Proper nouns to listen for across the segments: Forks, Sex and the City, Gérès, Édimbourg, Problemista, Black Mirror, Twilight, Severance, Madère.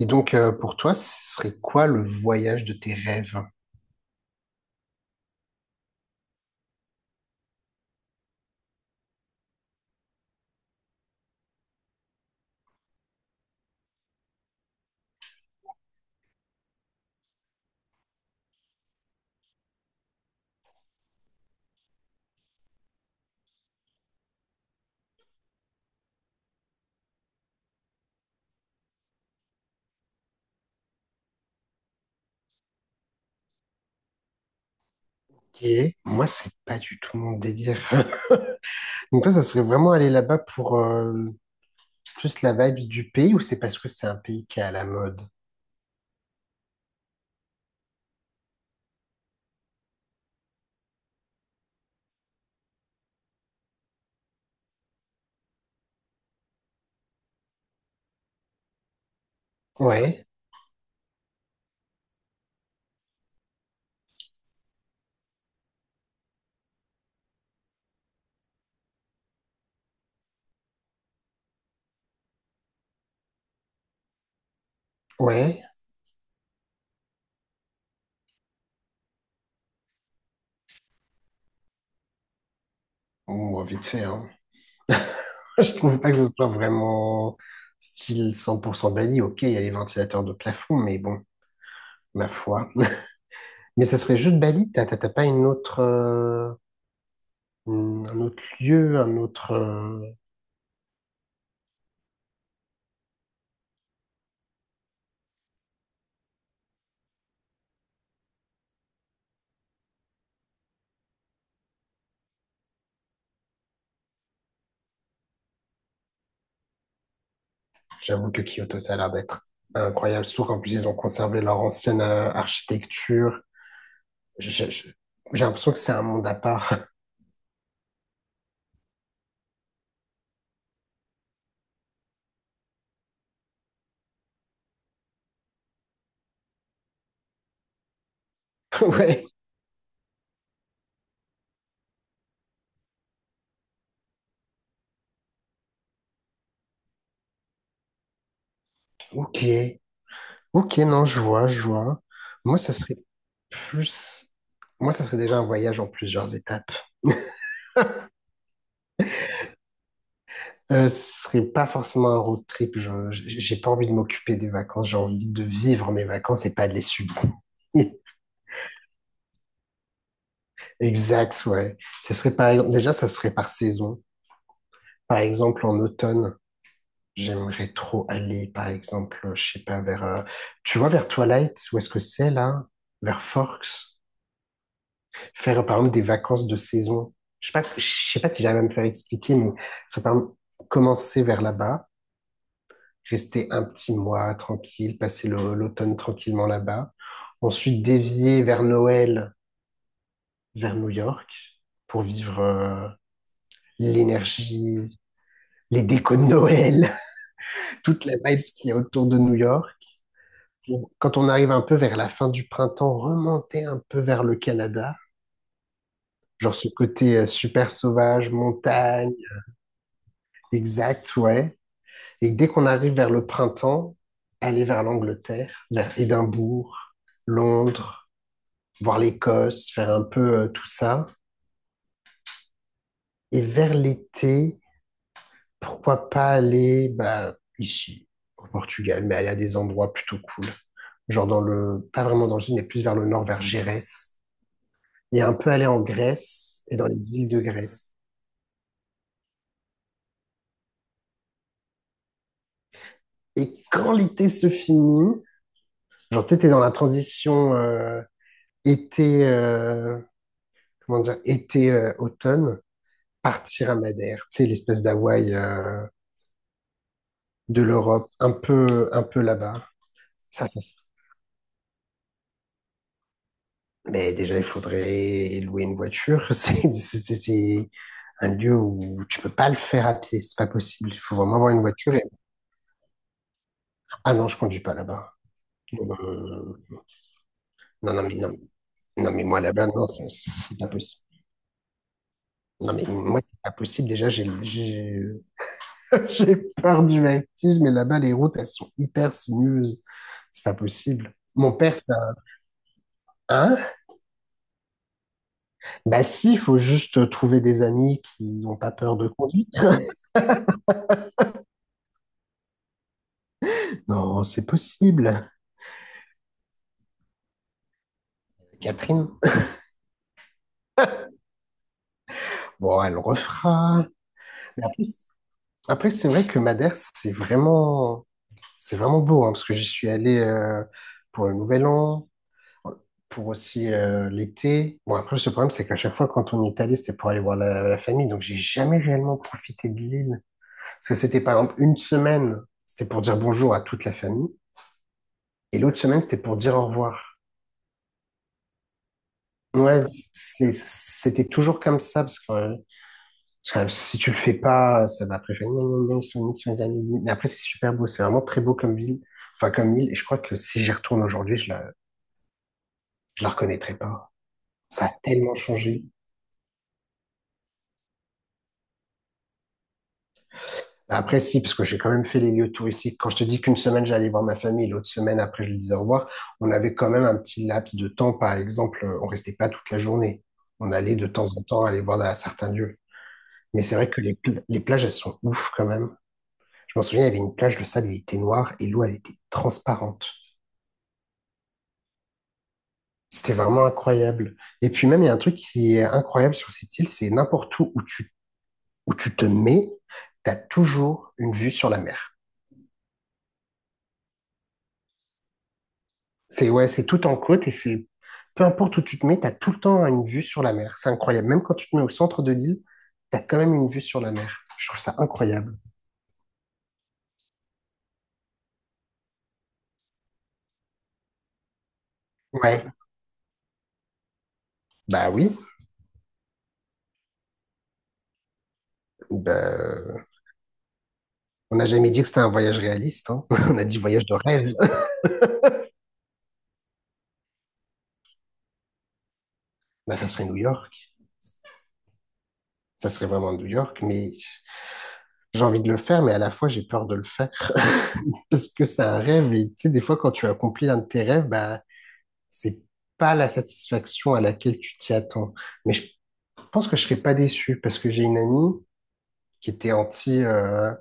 Et donc, pour toi, ce serait quoi le voyage de tes rêves? Et moi, c'est pas du tout mon délire. Donc toi, ça serait vraiment aller là-bas pour plus la vibe du pays ou c'est parce que c'est un pays qui est à la mode? Ouais, ouais. Bon, vite fait, hein. Je trouve pas que ce soit vraiment style 100% Bali. Ok, il y a les ventilateurs de plafond, mais bon, ma foi. Mais ça serait juste Bali? T'as pas une autre, un autre lieu, un autre, J'avoue que Kyoto, ça a l'air d'être incroyable, surtout qu'en plus, ils ont conservé leur ancienne architecture. Je- je- J'ai l'impression que c'est un monde à part. Ouais, ok. Ok, non, je vois, je vois. Moi, ça serait plus... Moi, ça serait déjà un voyage en plusieurs étapes. Ce serait pas forcément un road trip. J'ai pas envie de m'occuper des vacances. J'ai envie de vivre mes vacances et pas de les subir. Exact, ouais. Déjà, ça serait par saison. Par exemple, en automne, j'aimerais trop aller, par exemple, je sais pas, vers, tu vois, vers Twilight, où est-ce que c'est là? Vers Forks. Faire, par exemple, des vacances de saison. Je sais pas si j'arrive à me faire expliquer, mais ça par exemple, commencer vers là-bas, rester un petit mois tranquille, passer l'automne tranquillement là-bas. Ensuite, dévier vers Noël, vers New York, pour vivre, l'énergie, les décos de Noël, toute la vibe qui est autour de New York pour, quand on arrive un peu vers la fin du printemps, remonter un peu vers le Canada, genre ce côté super sauvage, montagne, exact, ouais. Et dès qu'on arrive vers le printemps, aller vers l'Angleterre, vers Édimbourg, Londres, voir l'Écosse, faire un peu tout ça. Et vers l'été, pourquoi pas aller bah, ici, au Portugal, mais aller à des endroits plutôt cool. Genre dans le, pas vraiment dans le sud, mais plus vers le nord, vers Gérès et un peu aller en Grèce et dans les îles de Grèce. Et quand l'été se finit, genre, tu sais, t'es dans la transition été, comment dire, été-automne, partir à Madère, tu sais, l'espèce d'Hawaï de l'Europe, un peu là-bas. Ça, ça, ça. Mais déjà, il faudrait louer une voiture. C'est un lieu où tu peux pas le faire à pied, c'est pas possible. Il faut vraiment avoir une voiture. Et- Ah non, je conduis pas là-bas. Non, non, non, non, non, mais non. Non, mais moi, là-bas, non, c'est pas possible. Non, mais moi, c'est pas possible. Déjà, j'ai peur du vertige, mais là-bas, les routes, elles sont hyper sinueuses. C'est pas possible. Mon père, ça. Hein? Bah, si, il faut juste trouver des amis qui n'ont pas peur de conduire. Non, c'est possible. Catherine. Bon, elle refera. Mais après, c'est après, c'est vrai que Madère, c'est vraiment beau, hein, parce que j'y suis allé pour le Nouvel An. Pour aussi l'été. Bon, après, le problème, c'est qu'à chaque fois, quand on est allé, c'était pour aller voir la famille. Donc, j'ai jamais réellement profité de l'île. Parce que c'était, par exemple, une semaine, c'était pour dire bonjour à toute la famille. Et l'autre semaine, c'était pour dire au revoir. Ouais, c'était toujours comme ça. Parce que si tu le fais pas, ça va après faire gna gna gna, ils sont nuls, ils sont nuls. Mais après, c'est super beau. C'est vraiment très beau comme ville. Enfin, comme île. Et je crois que si j'y retourne aujourd'hui, je la reconnaîtrai pas. Ça a tellement changé. Après, si, parce que j'ai quand même fait les lieux touristiques. Quand je te dis qu'une semaine, j'allais voir ma famille, l'autre semaine, après, je lui disais au revoir, on avait quand même un petit laps de temps. Par exemple, on restait pas toute la journée. On allait de temps en temps aller voir à certains lieux. Mais c'est vrai que les plages, elles sont ouf quand même. Je m'en souviens, il y avait une plage, le sable, il était noir et l'eau, elle était transparente. C'était vraiment incroyable. Et puis même, il y a un truc qui est incroyable sur cette île, c'est n'importe où où tu te mets, tu as toujours une vue sur la mer. C'est ouais, c'est tout en côte et c'est peu importe où tu te mets, t'as tout le temps une vue sur la mer. C'est incroyable. Même quand tu te mets au centre de l'île, t'as quand même une vue sur la mer. Je trouve ça incroyable. Ouais, bah oui. Bah, on n'a jamais dit que c'était un voyage réaliste, hein. On a dit voyage de rêve. Bah, ça serait New York. Ça serait vraiment New York. Mais j'ai envie de le faire, mais à la fois, j'ai peur de le faire. Parce que c'est un rêve. Et tu sais, des fois, quand tu accomplis un de tes rêves, bah, c'est pas la satisfaction à laquelle tu t'y attends. Mais je Je pense que je serais pas déçu parce que j'ai une amie qui était anti,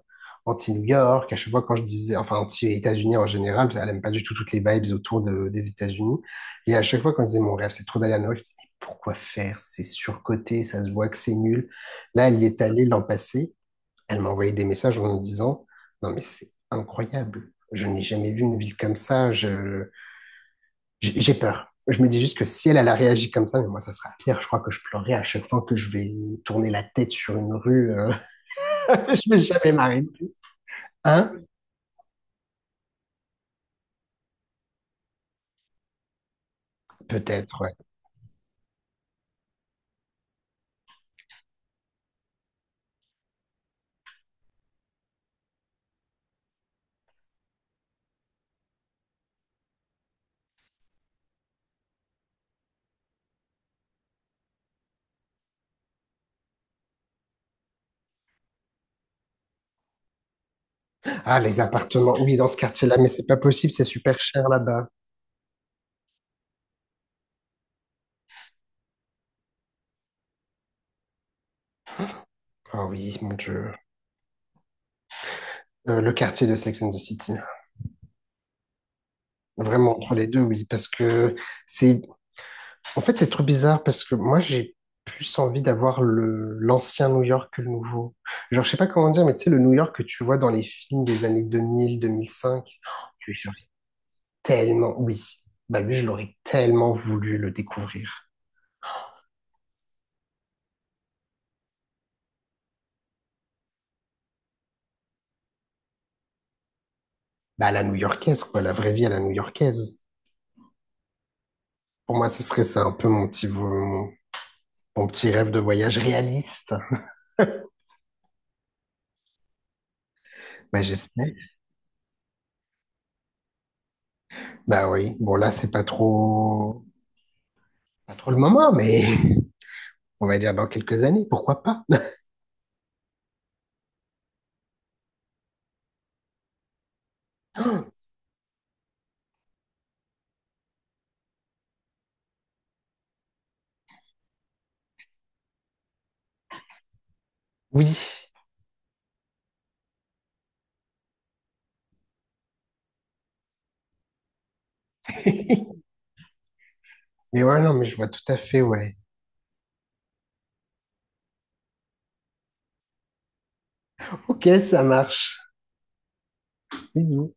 anti-New York. À chaque fois, quand je disais, enfin, anti-États-Unis en général, parce qu'elle aime pas du tout toutes les vibes autour des États-Unis. Et à chaque fois, quand je disais, mon rêve, c'est trop d'aller à New York, je disais, mais pourquoi faire? C'est surcoté, ça se voit que c'est nul. Là, elle y est allée l'an passé. Elle m'a envoyé des messages en me disant, non, mais c'est incroyable. Je n'ai jamais vu une ville comme ça. J'ai peur. Je me dis juste que si elle, elle a réagi comme ça, mais moi, ça sera pire. Je crois que je pleurerai à chaque fois que je vais tourner la tête sur une rue. Je vais jamais m'arrêter. Hein? Peut-être, ouais. Ah, les appartements. Oui, dans ce quartier-là, mais c'est pas possible, c'est super cher là-bas. Ah oui, mon Dieu. Le quartier de Sex and the City. Vraiment, entre les deux, oui, parce que c'est... En fait, c'est trop bizarre, parce que moi, j'ai plus envie d'avoir le l'ancien New York que le nouveau. Genre, je sais pas comment dire, mais tu sais, le New York que tu vois dans les films des années 2000, 2005, j'aurais tellement, oui, bah lui, je l'aurais tellement voulu le découvrir. Bah, à la new-yorkaise, quoi, la vraie vie à la new-yorkaise. Pour moi, ce serait ça un peu mon petit rêve de voyage réaliste. Bah, j'espère. Bah oui, bon, là, c'est pas trop, pas trop le moment, mais on va dire dans quelques années, pourquoi pas? Oui. Mais ouais, non, mais je vois tout à fait, ouais. Ok, ça marche. Bisous.